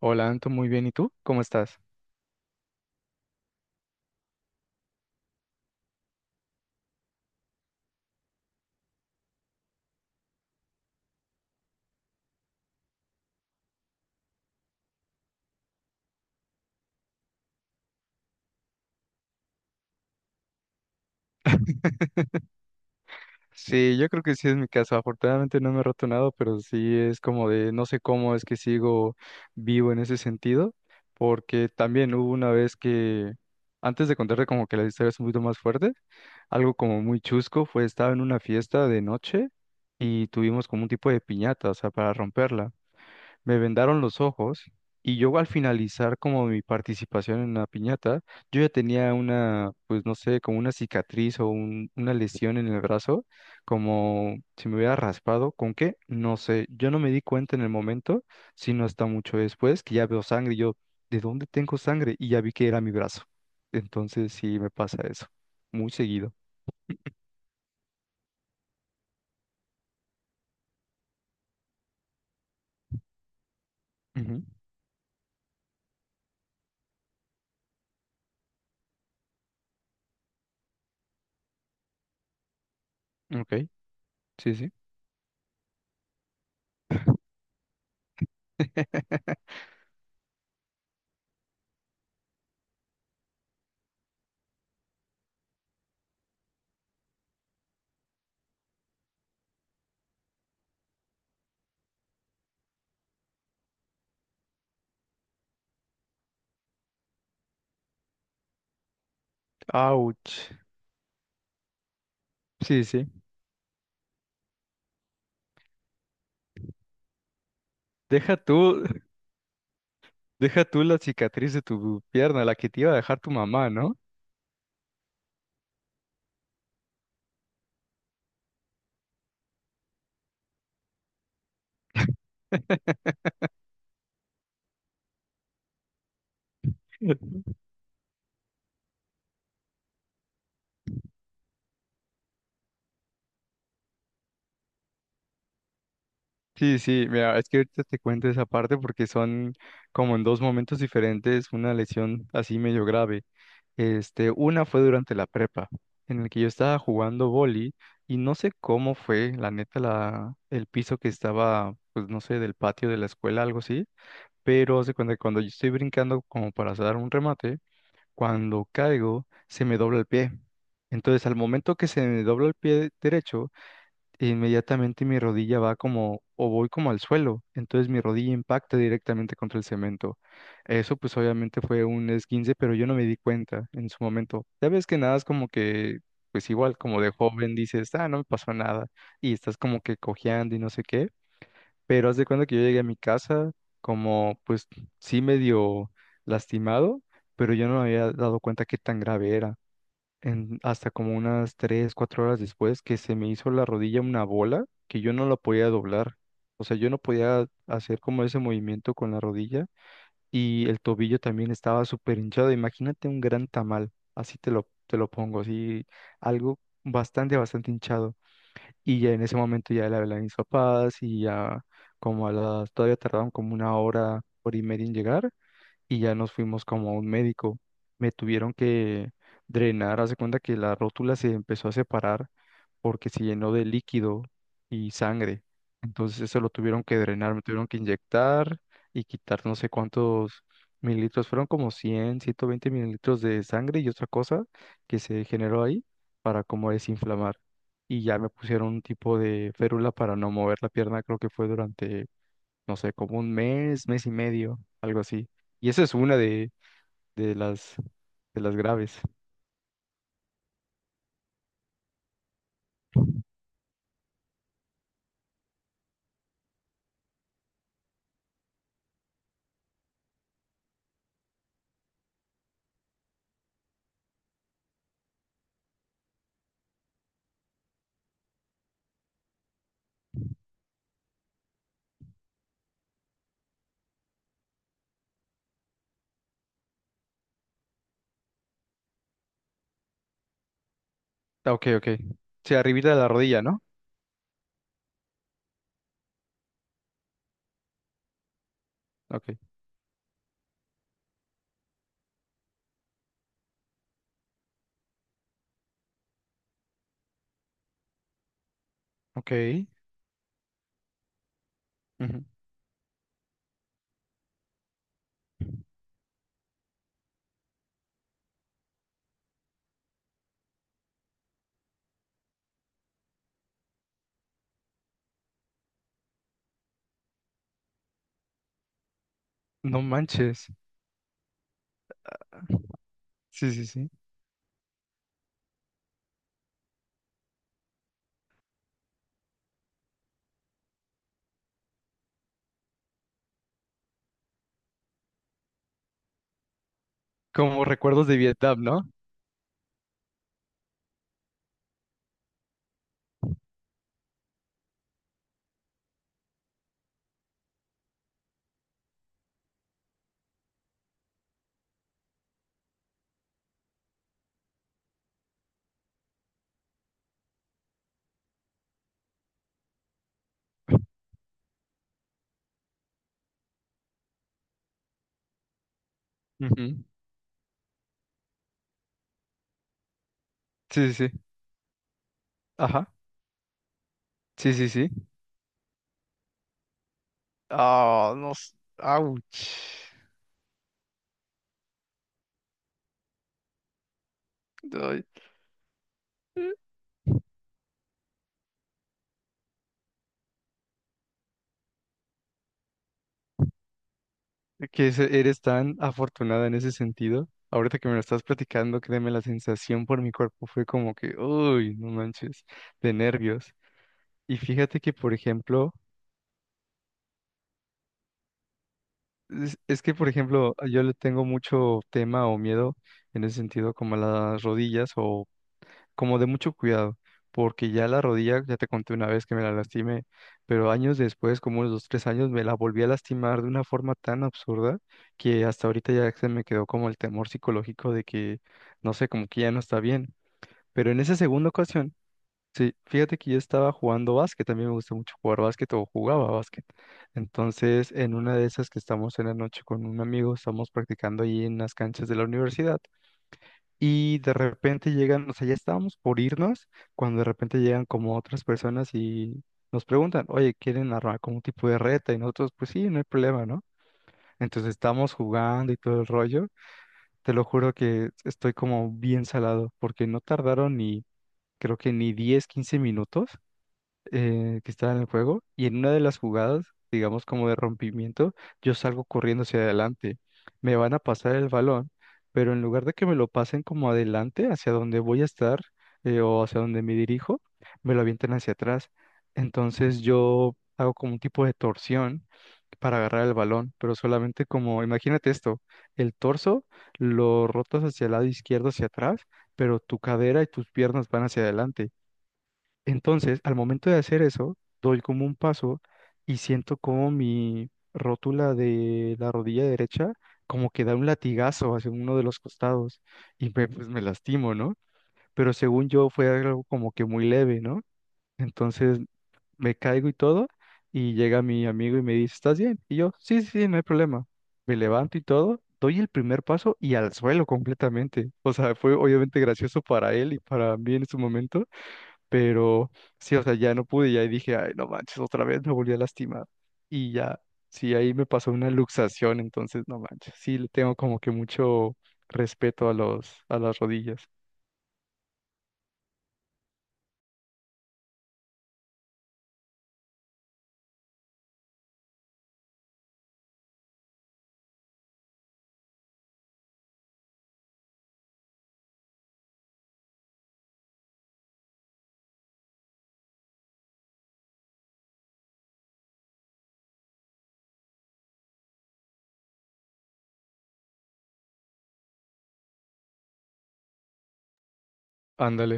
Hola, Anto, muy bien. ¿Y tú? ¿Cómo estás? Sí, yo creo que sí es mi caso. Afortunadamente no me he roto nada, pero sí es como de no sé cómo es que sigo vivo en ese sentido, porque también hubo una vez que, antes de contarte como que la historia es un poquito más fuerte, algo como muy chusco fue, estaba en una fiesta de noche y tuvimos como un tipo de piñata, o sea, para romperla. Me vendaron los ojos y yo al finalizar como mi participación en una piñata, yo ya tenía una, pues no sé, como una cicatriz o una lesión en el brazo, como si me hubiera raspado, ¿con qué? No sé, yo no me di cuenta en el momento, sino hasta mucho después que ya veo sangre y yo, ¿de dónde tengo sangre? Y ya vi que era mi brazo. Entonces sí me pasa eso, muy seguido. Ujú. Ok, sí, sí. Ouch. Sí, sí. Deja tú. Deja tú la cicatriz de tu pierna, la que te iba a dejar tu mamá, ¿no? Sí, sí, mira, es que ahorita te cuento esa parte porque son como en dos momentos diferentes una lesión así medio grave. Este, una fue durante la prepa, en el que yo estaba jugando vóley y no sé cómo fue, la neta, la, el piso que estaba, pues no sé, del patio de la escuela, algo así, pero haz de cuenta que cuando yo estoy brincando como para hacer un remate, cuando caigo, se me dobla el pie. Entonces, al momento que se me dobla el pie derecho, inmediatamente mi rodilla va como, o voy como al suelo. Entonces, mi rodilla impacta directamente contra el cemento. Eso, pues, obviamente fue un esguince, pero yo no me di cuenta en su momento. Ya ves que nada es como que, pues, igual, como de joven dices, ah, no me pasó nada. Y estás como que cojeando y no sé qué. Pero haz de cuenta que yo llegué a mi casa como, pues sí medio lastimado, pero yo no me había dado cuenta qué tan grave era. Hasta como unas 3, 4 horas después que se me hizo la rodilla una bola que yo no la podía doblar. O sea, yo no podía hacer como ese movimiento con la rodilla y el tobillo también estaba súper hinchado. Imagínate un gran tamal, así te lo pongo, así algo bastante, bastante hinchado. Y ya en ese momento ya le hablé a mis papás y ya como a las, todavía tardaron como una hora, hora y media en llegar y ya nos fuimos como a un médico. Me tuvieron que drenar, hace cuenta que la rótula se empezó a separar porque se llenó de líquido y sangre. Entonces eso lo tuvieron que drenar, me tuvieron que inyectar y quitar no sé cuántos mililitros, fueron como 100, 120 mililitros de sangre y otra cosa que se generó ahí para como desinflamar. Y ya me pusieron un tipo de férula para no mover la pierna, creo que fue durante no sé, como un mes, mes y medio, algo así. Y esa es una de las, de las graves. Ah, ok, ok. Sí, arribita de la rodilla, ¿no? Ok, ok. Ujú. No manches. Sí, sí, sí. Como recuerdos de Vietnam, ¿no? Ujú. Sí, sí, sí. Ajá. Sí, sí, sí. Ah, no. Ouch. Ay. Eres tan afortunada en ese sentido. Ahorita que me lo estás platicando, créeme, la sensación por mi cuerpo fue como que, uy, no manches, de nervios. Y fíjate que, por ejemplo, es que, por ejemplo, yo le tengo mucho tema o miedo en ese sentido, como a las rodillas como de mucho cuidado, porque ya la rodilla, ya te conté una vez que me la lastimé, pero años después, como unos 2, 3 años, me la volví a lastimar de una forma tan absurda que hasta ahorita ya se me quedó como el temor psicológico de que, no sé, como que ya no está bien. Pero en esa segunda ocasión, sí, fíjate que yo estaba jugando básquet, también me gusta mucho jugar básquet o jugaba básquet. Entonces, en una de esas que estamos en la noche con un amigo, estamos practicando ahí en las canchas de la universidad. Y de repente llegan, o sea, ya estábamos por irnos, cuando de repente llegan como otras personas y nos preguntan, oye, ¿quieren armar como un tipo de reta? Y nosotros, pues sí, no hay problema, ¿no? Entonces estamos jugando y todo el rollo. Te lo juro que estoy como bien salado, porque no tardaron ni, creo que ni 10, 15 minutos que estaba en el juego y en una de las jugadas, digamos como de rompimiento, yo salgo corriendo hacia adelante. Me van a pasar el balón, pero en lugar de que me lo pasen como adelante, hacia donde voy a estar o hacia donde me dirijo, me lo avientan hacia atrás. Entonces yo hago como un tipo de torsión para agarrar el balón, pero solamente como, imagínate esto, el torso lo rotas hacia el lado izquierdo, hacia atrás, pero tu cadera y tus piernas van hacia adelante. Entonces, al momento de hacer eso, doy como un paso y siento como mi rótula de la rodilla derecha como que da un latigazo hacia uno de los costados y me, pues me lastimo, ¿no? Pero según yo fue algo como que muy leve, ¿no? Entonces me caigo y todo y llega mi amigo y me dice, ¿estás bien? Y yo, sí, sí, sí, no hay problema. Me levanto y todo, doy el primer paso y al suelo completamente. O sea, fue obviamente gracioso para él y para mí en su momento, pero sí, o sea, ya no pude, ya dije, ay, no manches, otra vez me volví a lastimar. Y ya, sí, ahí me pasó una luxación, entonces, no manches, sí, le tengo como que mucho respeto a los, a las rodillas. Ándale.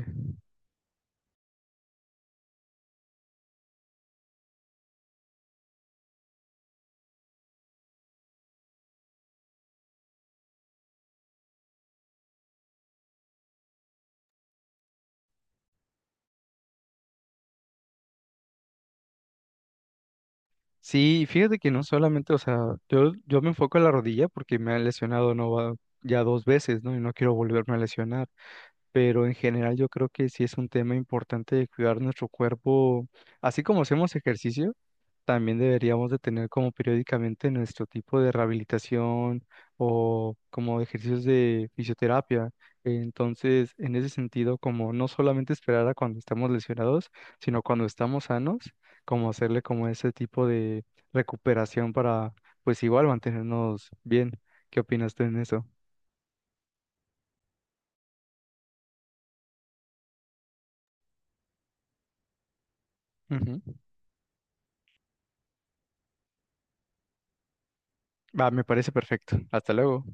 Sí, fíjate que no solamente, o sea, yo me enfoco en la rodilla porque me han lesionado no va ya dos veces, ¿no? Y no quiero volverme a lesionar. Pero en general yo creo que sí es un tema importante de cuidar nuestro cuerpo, así como hacemos ejercicio. También deberíamos de tener como periódicamente nuestro tipo de rehabilitación o como ejercicios de fisioterapia. Entonces, en ese sentido, como no solamente esperar a cuando estamos lesionados, sino cuando estamos sanos, como hacerle como ese tipo de recuperación para, pues igual mantenernos bien. ¿Qué opinas tú en eso? Ujú. Va, me parece perfecto. Hasta luego.